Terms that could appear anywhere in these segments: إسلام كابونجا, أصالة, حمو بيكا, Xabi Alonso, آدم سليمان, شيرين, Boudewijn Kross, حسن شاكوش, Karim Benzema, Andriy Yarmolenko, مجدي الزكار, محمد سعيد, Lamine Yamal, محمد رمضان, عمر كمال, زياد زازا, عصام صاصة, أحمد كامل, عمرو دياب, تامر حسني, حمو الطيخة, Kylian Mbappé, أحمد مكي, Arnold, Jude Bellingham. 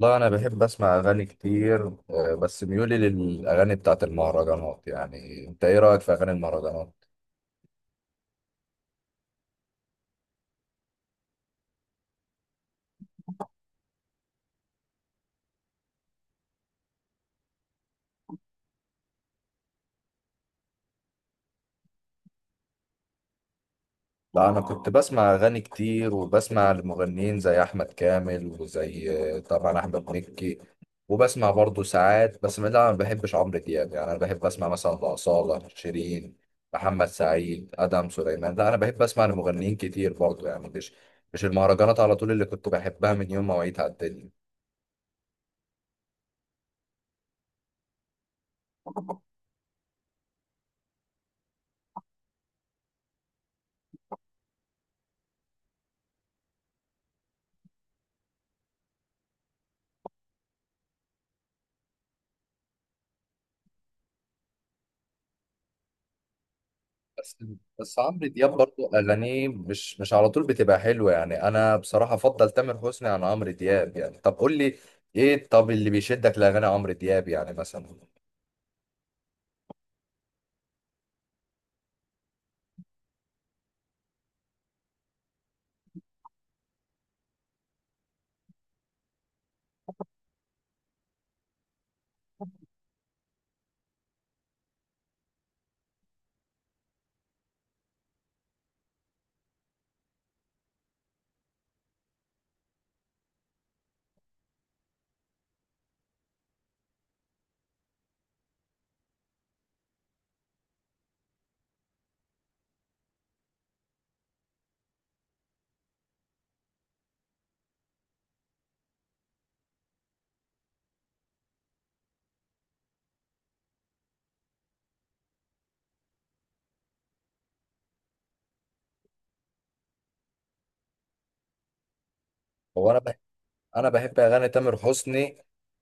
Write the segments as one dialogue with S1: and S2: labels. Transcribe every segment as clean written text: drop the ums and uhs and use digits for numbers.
S1: والله أنا بحب أسمع أغاني كتير، بس ميولي للأغاني بتاعت المهرجانات، يعني أنت إيه رأيك في أغاني المهرجانات؟ لا أنا كنت بسمع أغاني كتير وبسمع لمغنيين زي أحمد كامل وزي طبعا أحمد مكي. وبسمع برضه ساعات، بس لا أنا ما بحبش عمرو دياب. يعني أنا بحب أسمع مثلا لأصالة، شيرين، محمد سعيد، أدم سليمان. لا أنا بحب أسمع لمغنيين كتير برضه، يعني مش المهرجانات على طول اللي كنت بحبها من يوم ما وعيت على الدنيا. بس بس عمرو دياب برضه اغانيه مش على طول بتبقى حلوه، يعني انا بصراحه افضل تامر حسني عن عمرو دياب. يعني طب قول لي ايه، طب اللي بيشدك لاغاني عمرو دياب يعني مثلا؟ هو انا بحب اغاني تامر حسني،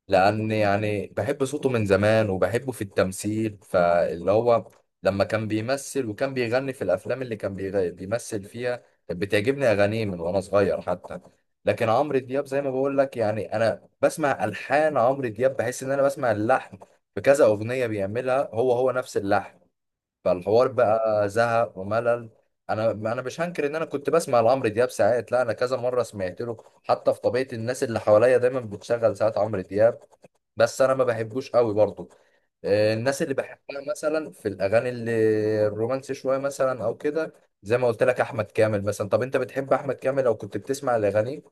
S1: لان يعني بحب صوته من زمان وبحبه في التمثيل، فاللي هو لما كان بيمثل وكان بيغني في الافلام اللي كان بيمثل فيها كانت بتعجبني اغانيه من وانا صغير حتى. لكن عمرو دياب زي ما بقول لك، يعني انا بسمع الحان عمرو دياب بحس ان انا بسمع اللحن في كذا اغنيه بيعملها، هو نفس اللحن، فالحوار بقى زهق وملل. انا مش هنكر ان انا كنت بسمع لعمرو دياب ساعات، لا انا كذا مره سمعت له، حتى في طبيعه الناس اللي حواليا دايما بتشغل ساعات عمرو دياب، بس انا ما بحبوش قوي برضه. الناس اللي بحبها مثلا في الاغاني اللي الرومانسي شويه مثلا او كده، زي ما قلت لك احمد كامل مثلا. طب انت بتحب احمد كامل لو كنت بتسمع الاغاني؟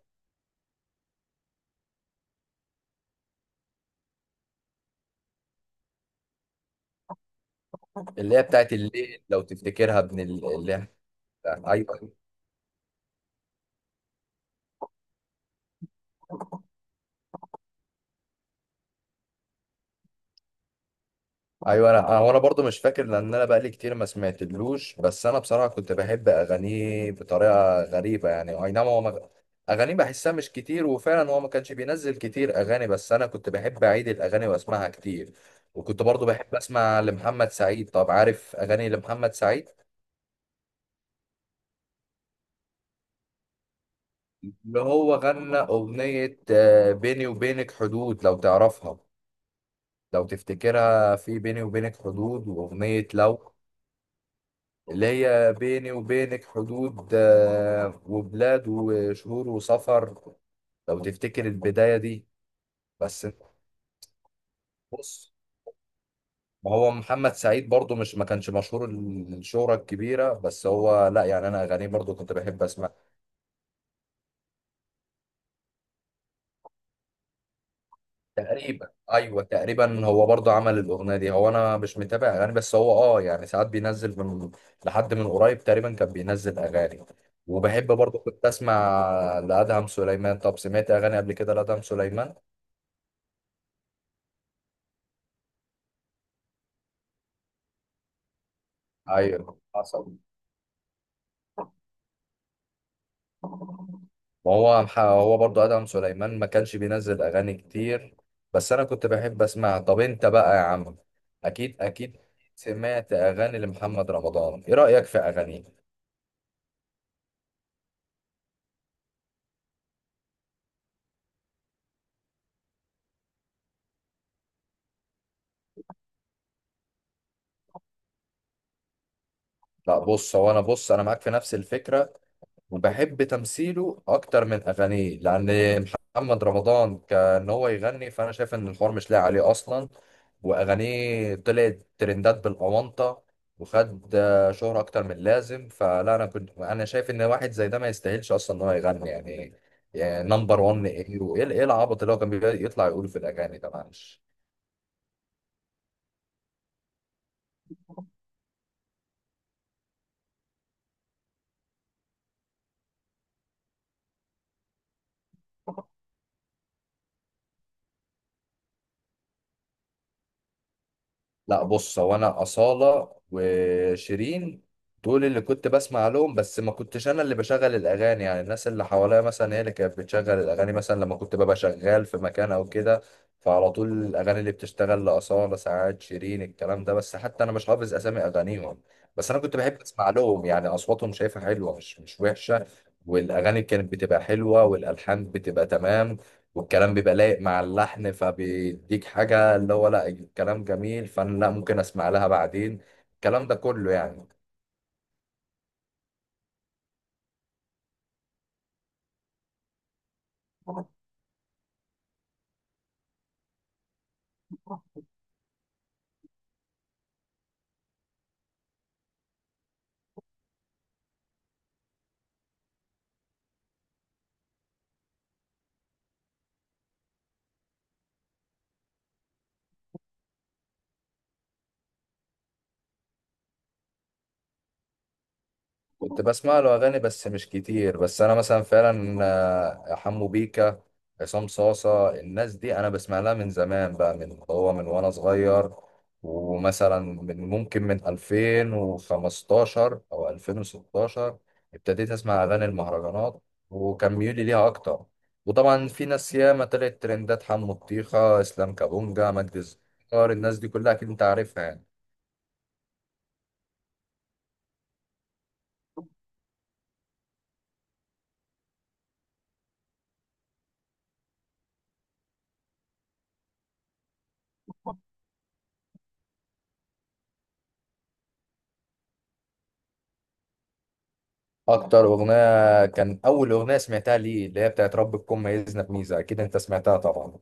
S1: اللي هي بتاعت الليل، لو تفتكرها، ابن ال- اللي هي- ايوه. ايوه انا وانا برضو مش فاكر، لان انا بقالي كتير ما سمعتلوش، بس انا بصراحه كنت بحب اغانيه بطريقه غريبه، يعني اي نعم. هو ما... اغانيه بحسها مش كتير، وفعلا هو ما كانش بينزل كتير اغاني، بس انا كنت بحب اعيد الاغاني واسمعها كتير. وكنت برضو بحب اسمع لمحمد سعيد. طب عارف اغاني لمحمد سعيد؟ اللي هو غنى اغنيه بيني وبينك حدود، لو تعرفها، لو تفتكرها، في بيني وبينك حدود واغنيه لو، اللي هي بيني وبينك حدود وبلاد وشهور وسفر، لو تفتكر البداية دي. بس انت، بص، ما هو محمد سعيد برضو مش، ما كانش مشهور الشهرة الكبيرة، بس هو لا يعني انا اغانيه برضو كنت بحب اسمع. تقريبا ايوه، تقريبا هو برضو عمل الاغنية دي. هو انا مش متابع اغاني، بس هو اه يعني ساعات بينزل من، لحد من قريب تقريبا كان بينزل اغاني. وبحب برضو كنت اسمع لادهم سليمان. طب سمعت اغاني قبل كده لادهم سليمان؟ ايوه حصل. ما هو هو برضو ادهم سليمان ما كانش بينزل اغاني كتير، بس انا كنت بحب اسمعها. طب انت بقى يا عم، اكيد اكيد، سمعت اغاني لمحمد رمضان؟ ايه رايك في اغانيه؟ لا بص، هو انا، بص انا معاك في نفس الفكره، وبحب تمثيله اكتر من اغانيه، لان محمد رمضان كان هو يغني، فانا شايف ان الحوار مش لاقي عليه اصلا، واغانيه طلعت ترندات بالاونطه، وخد شهرة اكتر من اللازم. فلا انا كنت، انا شايف ان واحد زي ده ما يستاهلش اصلا ان هو يغني يعني. نمبر 1 ايه، وايه إيه العبط اللي هو كان بيطلع يقوله في الاغاني ده، معلش. لا بص، هو انا اصاله وشيرين، دول اللي كنت بسمع لهم، بس ما كنتش انا اللي بشغل الاغاني، يعني الناس اللي حواليا مثلا هي اللي كانت بتشغل الاغاني، مثلا لما كنت ببقى شغال في مكان او كده، فعلى طول الاغاني اللي بتشتغل لاصاله ساعات شيرين الكلام ده، بس حتى انا مش حافظ اسامي اغانيهم، بس انا كنت بحب اسمع لهم، يعني اصواتهم شايفها حلوه، مش وحشه، والاغاني كانت بتبقى حلوه والالحان بتبقى تمام، والكلام بيبقى لايق مع اللحن، فبيديك حاجة اللي هو لا الكلام جميل، فأنا لا ممكن أسمع لها بعدين الكلام ده كله يعني. كنت بسمع له أغاني بس مش كتير، بس أنا مثلا فعلا حمو بيكا، عصام صاصة، الناس دي أنا بسمع لها من زمان بقى، من هو، من وأنا صغير، ومثلا من ممكن من 2015 أو 2016 ابتديت أسمع أغاني المهرجانات، وكان ميولي ليها أكتر، وطبعا في ناس ياما طلعت ترندات، حمو الطيخة، إسلام كابونجا، مجدي الزكار، الناس دي كلها أكيد أنت عارفها يعني. أكتر أغنية كان أول أغنية سمعتها ليه اللي هي بتاعت رب تكون ميزنا بميزة، أكيد أنت سمعتها طبعا.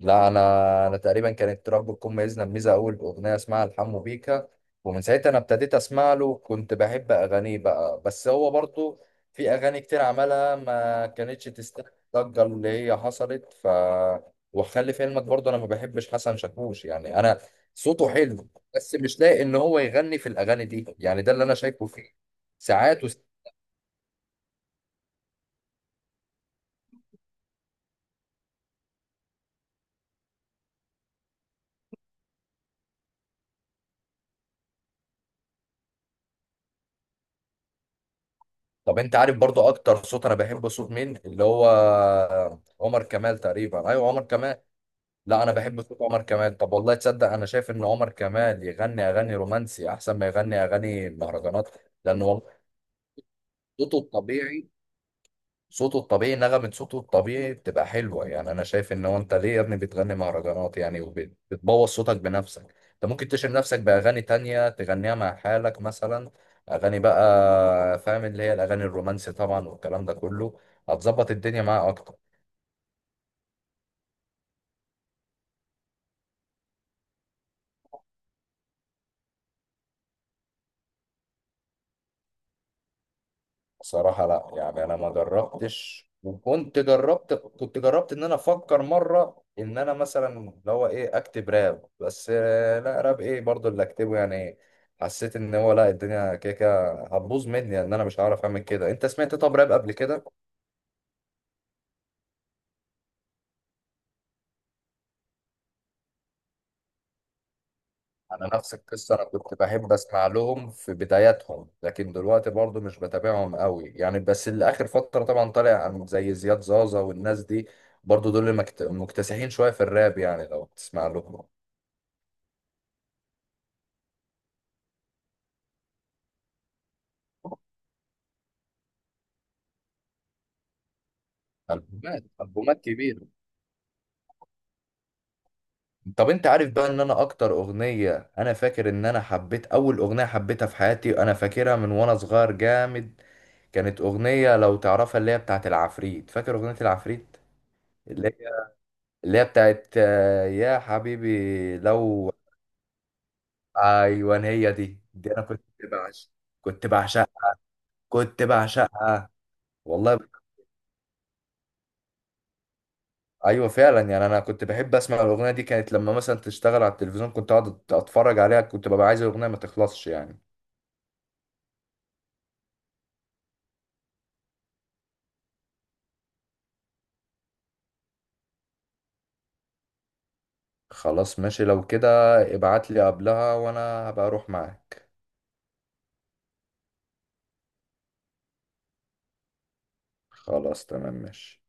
S1: لا انا، انا تقريبا كانت رب تكون ميزنا بميزه اول باغنيه اسمها الحمو بيكا، ومن ساعتها انا ابتديت اسمع له، كنت بحب اغانيه بقى، بس هو برضو في اغاني كتير عملها ما كانتش تستاهل الضجه اللي هي حصلت. ف وخلي في علمك برضو انا ما بحبش حسن شاكوش، يعني انا صوته حلو، بس مش لاقي ان هو يغني في الاغاني دي، يعني ده اللي انا شايفه فيه ساعات. طب انت عارف برضو اكتر صوت انا بحبه صوت مين؟ اللي هو عمر كمال، تقريبا ايوه عمر كمال. لا انا بحب صوت عمر كمال. طب والله تصدق انا شايف ان عمر كمال يغني اغاني رومانسي احسن ما يغني اغاني مهرجانات. لان والله صوته الطبيعي، صوته الطبيعي، نغمة صوته الطبيعي بتبقى حلوة، يعني انا شايف ان هو، انت ليه يا ابني بتغني مهرجانات يعني، وبتبوظ صوتك بنفسك؟ انت ممكن تشيل نفسك باغاني تانية تغنيها مع حالك مثلا، اغاني بقى فاهم، اللي هي الاغاني الرومانسي طبعا والكلام ده كله، هتظبط الدنيا معاه اكتر. صراحة لا يعني انا ما جربتش، وكنت جربت، كنت جربت ان انا افكر مرة ان انا مثلا اللي هو ايه، اكتب راب، بس لا راب ايه برضو اللي اكتبه يعني، حسيت ان هو لا الدنيا كده كده هتبوظ مني يعني، ان انا مش هعرف اعمل كده. انت سمعت طب راب قبل كده؟ انا نفس القصة، انا كنت بحب اسمع لهم في بداياتهم، لكن دلوقتي برضو مش بتابعهم قوي يعني، بس اللي اخر فترة طبعا طالع زي زياد زازا والناس دي، برضو دول اللي مكتسحين شوية في الراب يعني لو تسمع لهم. ألبومات كبيرة. طب أنت عارف بقى إن أنا أكتر أغنية، أنا فاكر إن أنا حبيت أول أغنية حبيتها في حياتي، أنا فاكرها من وأنا صغير جامد، كانت أغنية، لو تعرفها، اللي هي بتاعت العفريت. فاكر أغنية العفريت؟ اللي هي اللي هي بتاعت يا حبيبي لو، أيوان هي دي أنا كنت بعشق، كنت بعشقها، كنت بعشقها والله. ايوه فعلا يعني انا كنت بحب اسمع الاغنيه دي، كانت لما مثلا تشتغل على التلفزيون كنت اقعد اتفرج عليها، كنت ببقى عايز الاغنيه ما تخلصش يعني. خلاص ماشي لو كده ابعت لي قبلها وانا هبقى اروح معاك. خلاص تمام ماشي.